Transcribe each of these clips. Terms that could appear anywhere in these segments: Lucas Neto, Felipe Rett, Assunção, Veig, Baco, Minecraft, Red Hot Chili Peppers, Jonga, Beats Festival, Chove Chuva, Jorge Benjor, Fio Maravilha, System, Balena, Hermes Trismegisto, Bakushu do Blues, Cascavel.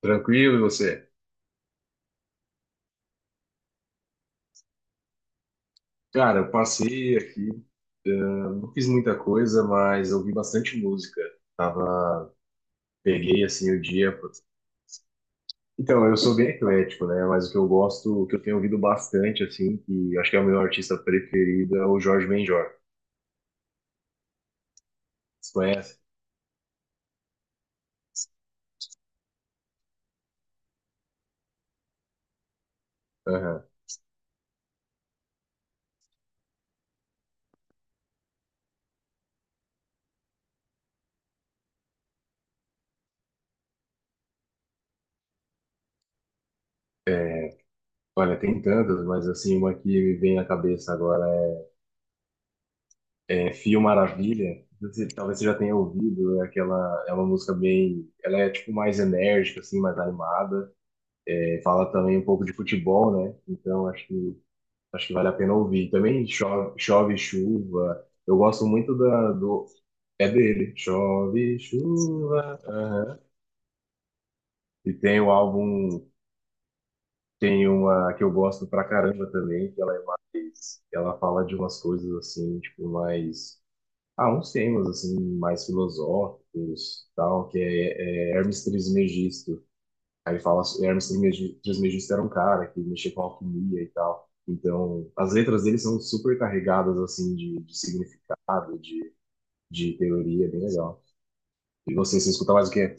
Tranquilo, e você? Cara, eu passei aqui, eu não fiz muita coisa, mas ouvi bastante música. Tava, peguei assim o dia. Pô. Então, eu sou bem eclético, né? Mas o que eu gosto, o que eu tenho ouvido bastante, assim, que acho que é o meu artista preferido, é o Jorge Benjor. Você conhece? Aham. É, Olha, tem tantas, mas assim, uma que me vem à cabeça agora é Fio Maravilha. Talvez você já tenha ouvido, é aquela, é uma música bem, ela é tipo mais enérgica, assim, mais animada. Fala também um pouco de futebol, né? Então acho que vale a pena ouvir. Também chove, chove chuva. Eu gosto muito da, do é dele. Chove chuva. Aham. E tem o álbum, tem uma que eu gosto pra caramba também, que ela é mais, ela fala de umas coisas assim, tipo mais uns temas assim mais filosóficos, tal, que é Hermes Trismegisto. Aí fala, Hermes Trismegisto era um cara que mexia com alquimia e tal. Então, as letras dele são super carregadas, assim, de significado, de teoria, é bem legal. E você escuta mais o quê?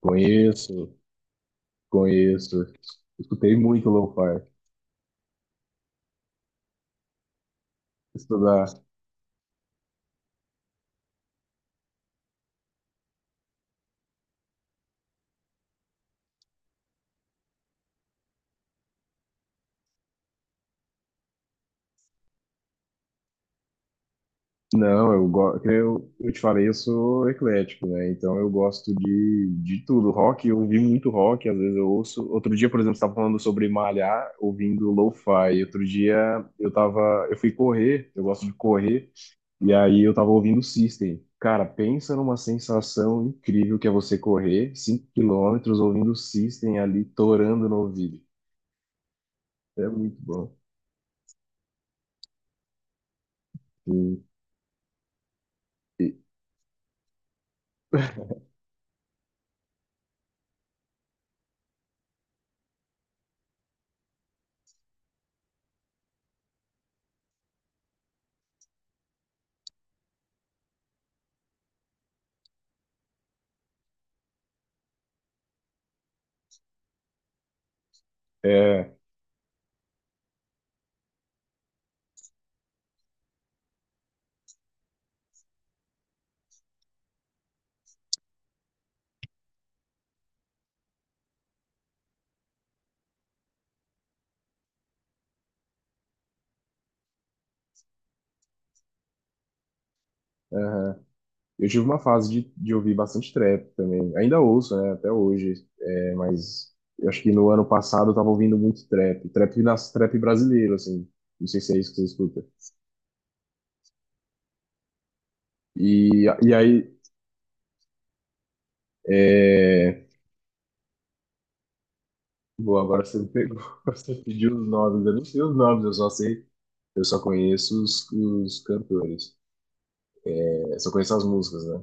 Conheço, conheço. Escutei muito lo-fi. Estudar. Não, eu te falei, eu sou eclético, né? Então eu gosto de tudo. Rock, eu ouvi muito rock, às vezes eu ouço. Outro dia, por exemplo, você estava falando sobre malhar, ouvindo lo-fi. Outro dia eu tava, eu fui correr, eu gosto de correr, e aí eu tava ouvindo System. Cara, pensa numa sensação incrível que é você correr 5 km ouvindo System ali torando no ouvido. É muito bom. E- e- É, é, Eu tive uma fase de ouvir bastante trap também. Ainda ouço, né, até hoje. É, mas eu acho que no ano passado eu tava ouvindo muito trap. Trap brasileiro, assim. Não sei se é isso que você escuta. E, e aí. É... Boa, agora você me pegou. Você pediu os nomes. Eu não sei os nomes, eu só sei. Eu só conheço os cantores. É, só conheço as músicas, né?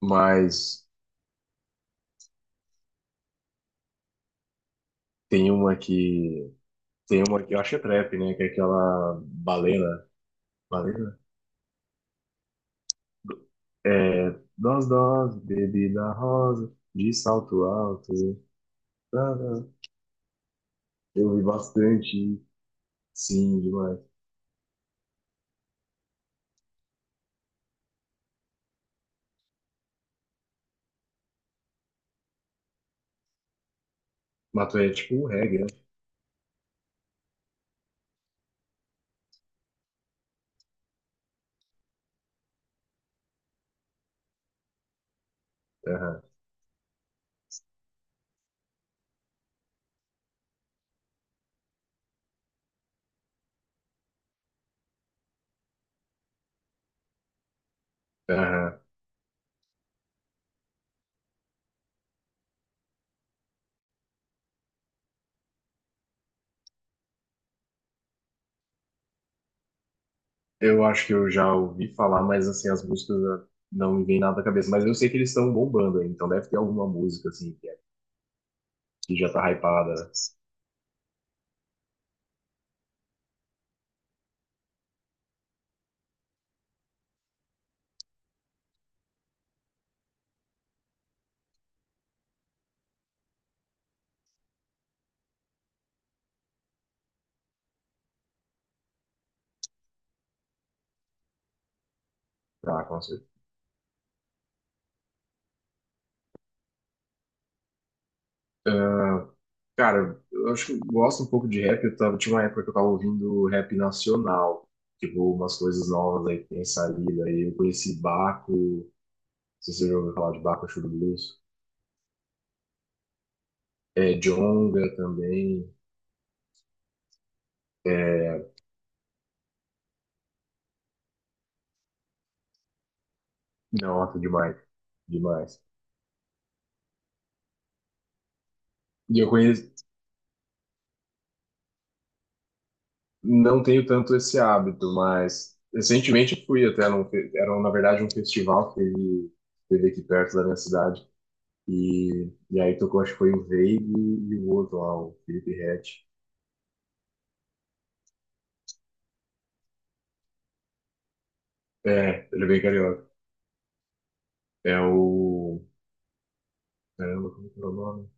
Mas tem uma que. Tem uma que eu acho que é trap, né? Que é aquela Balena. Balena? É, dose, bebida rosa, de salto alto. Tará. Eu vi bastante, sim, demais. Mato é tipo um reggae, né? Aham, aham. Eu acho que eu já ouvi falar, mas assim, as músicas né, não me vem nada à cabeça. Mas eu sei que eles estão bombando aí, então deve ter alguma música, assim, que é- que já tá hypada. Tá, com certeza. Cara, eu acho que eu gosto um pouco de rap. Tinha uma época que eu tava ouvindo rap nacional, tipo, umas coisas novas aí que tem saído. Aí eu conheci Baco. Se você já ouviu falar de Bakushu do Blues. É, Jonga também. É, nossa, demais. Demais. E eu conheço, não tenho tanto esse hábito, mas recentemente fui até num, era na verdade um festival que teve, teve aqui perto da minha cidade. E aí tocou, acho que foi o Veig e o outro lá, o Felipe Rett. É, ele é bem carioca. É o. Caramba, como que é o nome?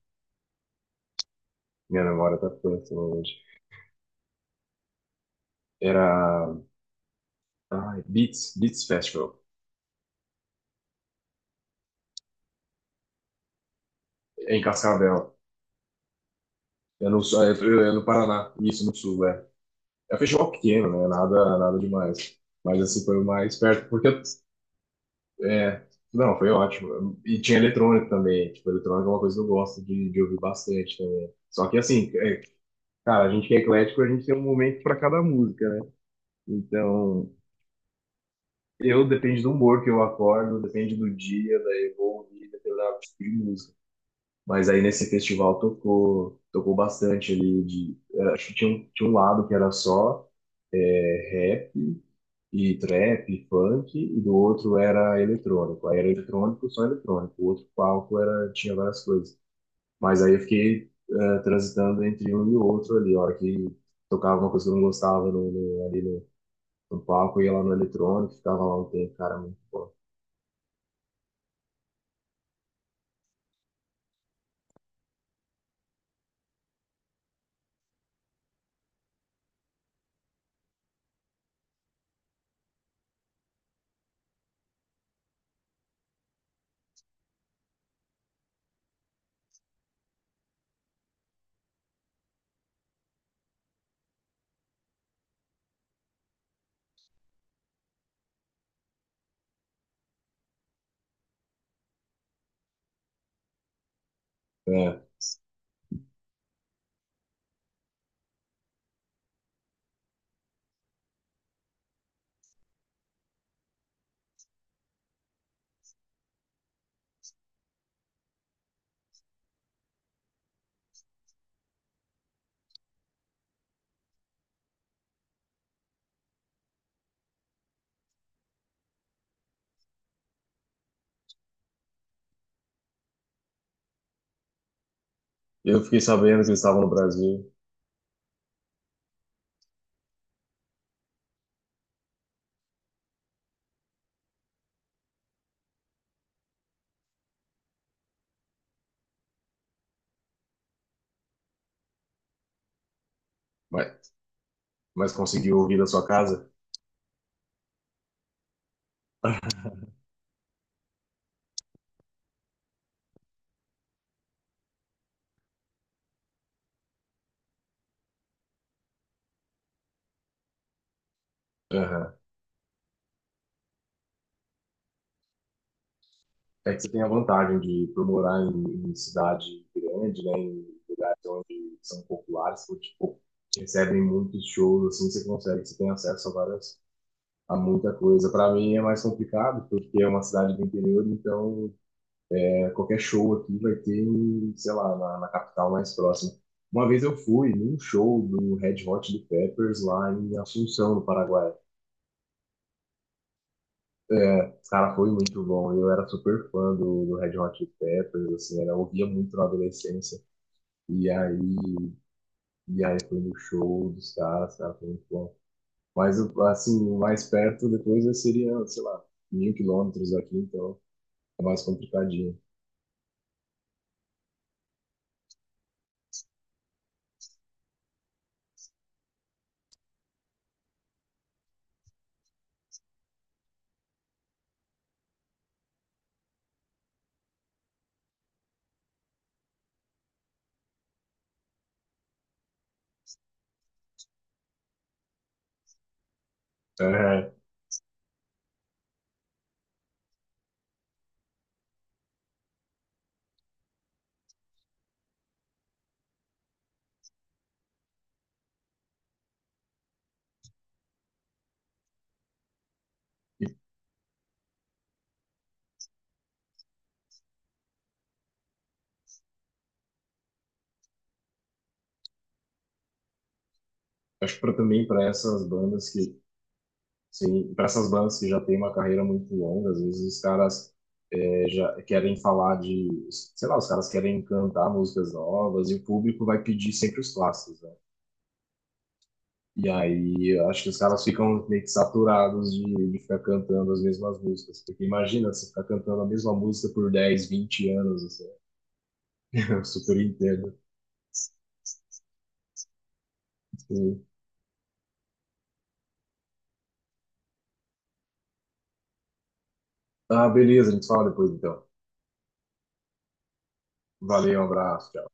Minha memória tá péssima hoje. Era. Ai, Beats, Beats Festival, é em Cascavel. É, é no Paraná, isso, no sul, é. É um festival pequeno, né? Nada, nada demais. Mas assim, foi o mais perto, porque é, não, foi ótimo. E tinha eletrônico também, tipo, eletrônico é uma coisa que eu gosto de ouvir bastante também. Só que assim, cara, a gente que é eclético, a gente tem um momento para cada música, né? Então, eu depende do humor que eu acordo, depende do dia, daí eu vou ouvir determinado tipo de música. Mas aí nesse festival tocou bastante ali de, acho que tinha um lado que era só rap e trap, e funk, e do outro era eletrônico. Aí era eletrônico, só eletrônico. O outro palco era, tinha várias coisas. Mas aí eu fiquei transitando entre um e o outro ali. A hora que tocava uma coisa que eu não gostava no, no- ali no, no palco, eu ia lá no eletrônico, ficava lá um tempo, cara, muito bom. É, eu fiquei sabendo que eles estavam no Brasil, mas, mas conseguiu ouvir da sua casa? Aham. É que você tem a vantagem de, por morar em cidade grande, né, em lugares onde são populares, que, tipo, recebem muitos shows, assim, você consegue, você tem acesso a várias, a muita coisa. Para mim é mais complicado, porque é uma cidade do interior, então é, qualquer show aqui vai ter, sei lá, na capital mais próxima. Uma vez eu fui num show do Red Hot Chili Peppers lá em Assunção, no Paraguai. Cara, foi muito bom. Eu era super fã do Red Hot Chili Peppers, assim, era, eu ouvia muito na adolescência. E aí, e aí foi no show dos caras, cara, foi muito bom. Mas assim, mais perto depois seria, sei lá, 1.000 km daqui, então é mais complicadinho. É, e acho que pra, também para essas bandas que, sim, para essas bandas que já têm uma carreira muito longa, às vezes os caras é, já querem falar de, sei lá, os caras querem cantar músicas novas e o público vai pedir sempre os clássicos, né? E aí, eu acho que os caras ficam meio que saturados de ficar cantando as mesmas músicas. Porque imagina você ficar cantando a mesma música por 10, 20 anos, assim. Eu super entendo. Sim. Ah, beleza, a gente fala depois então. Valeu, um abraço, tchau.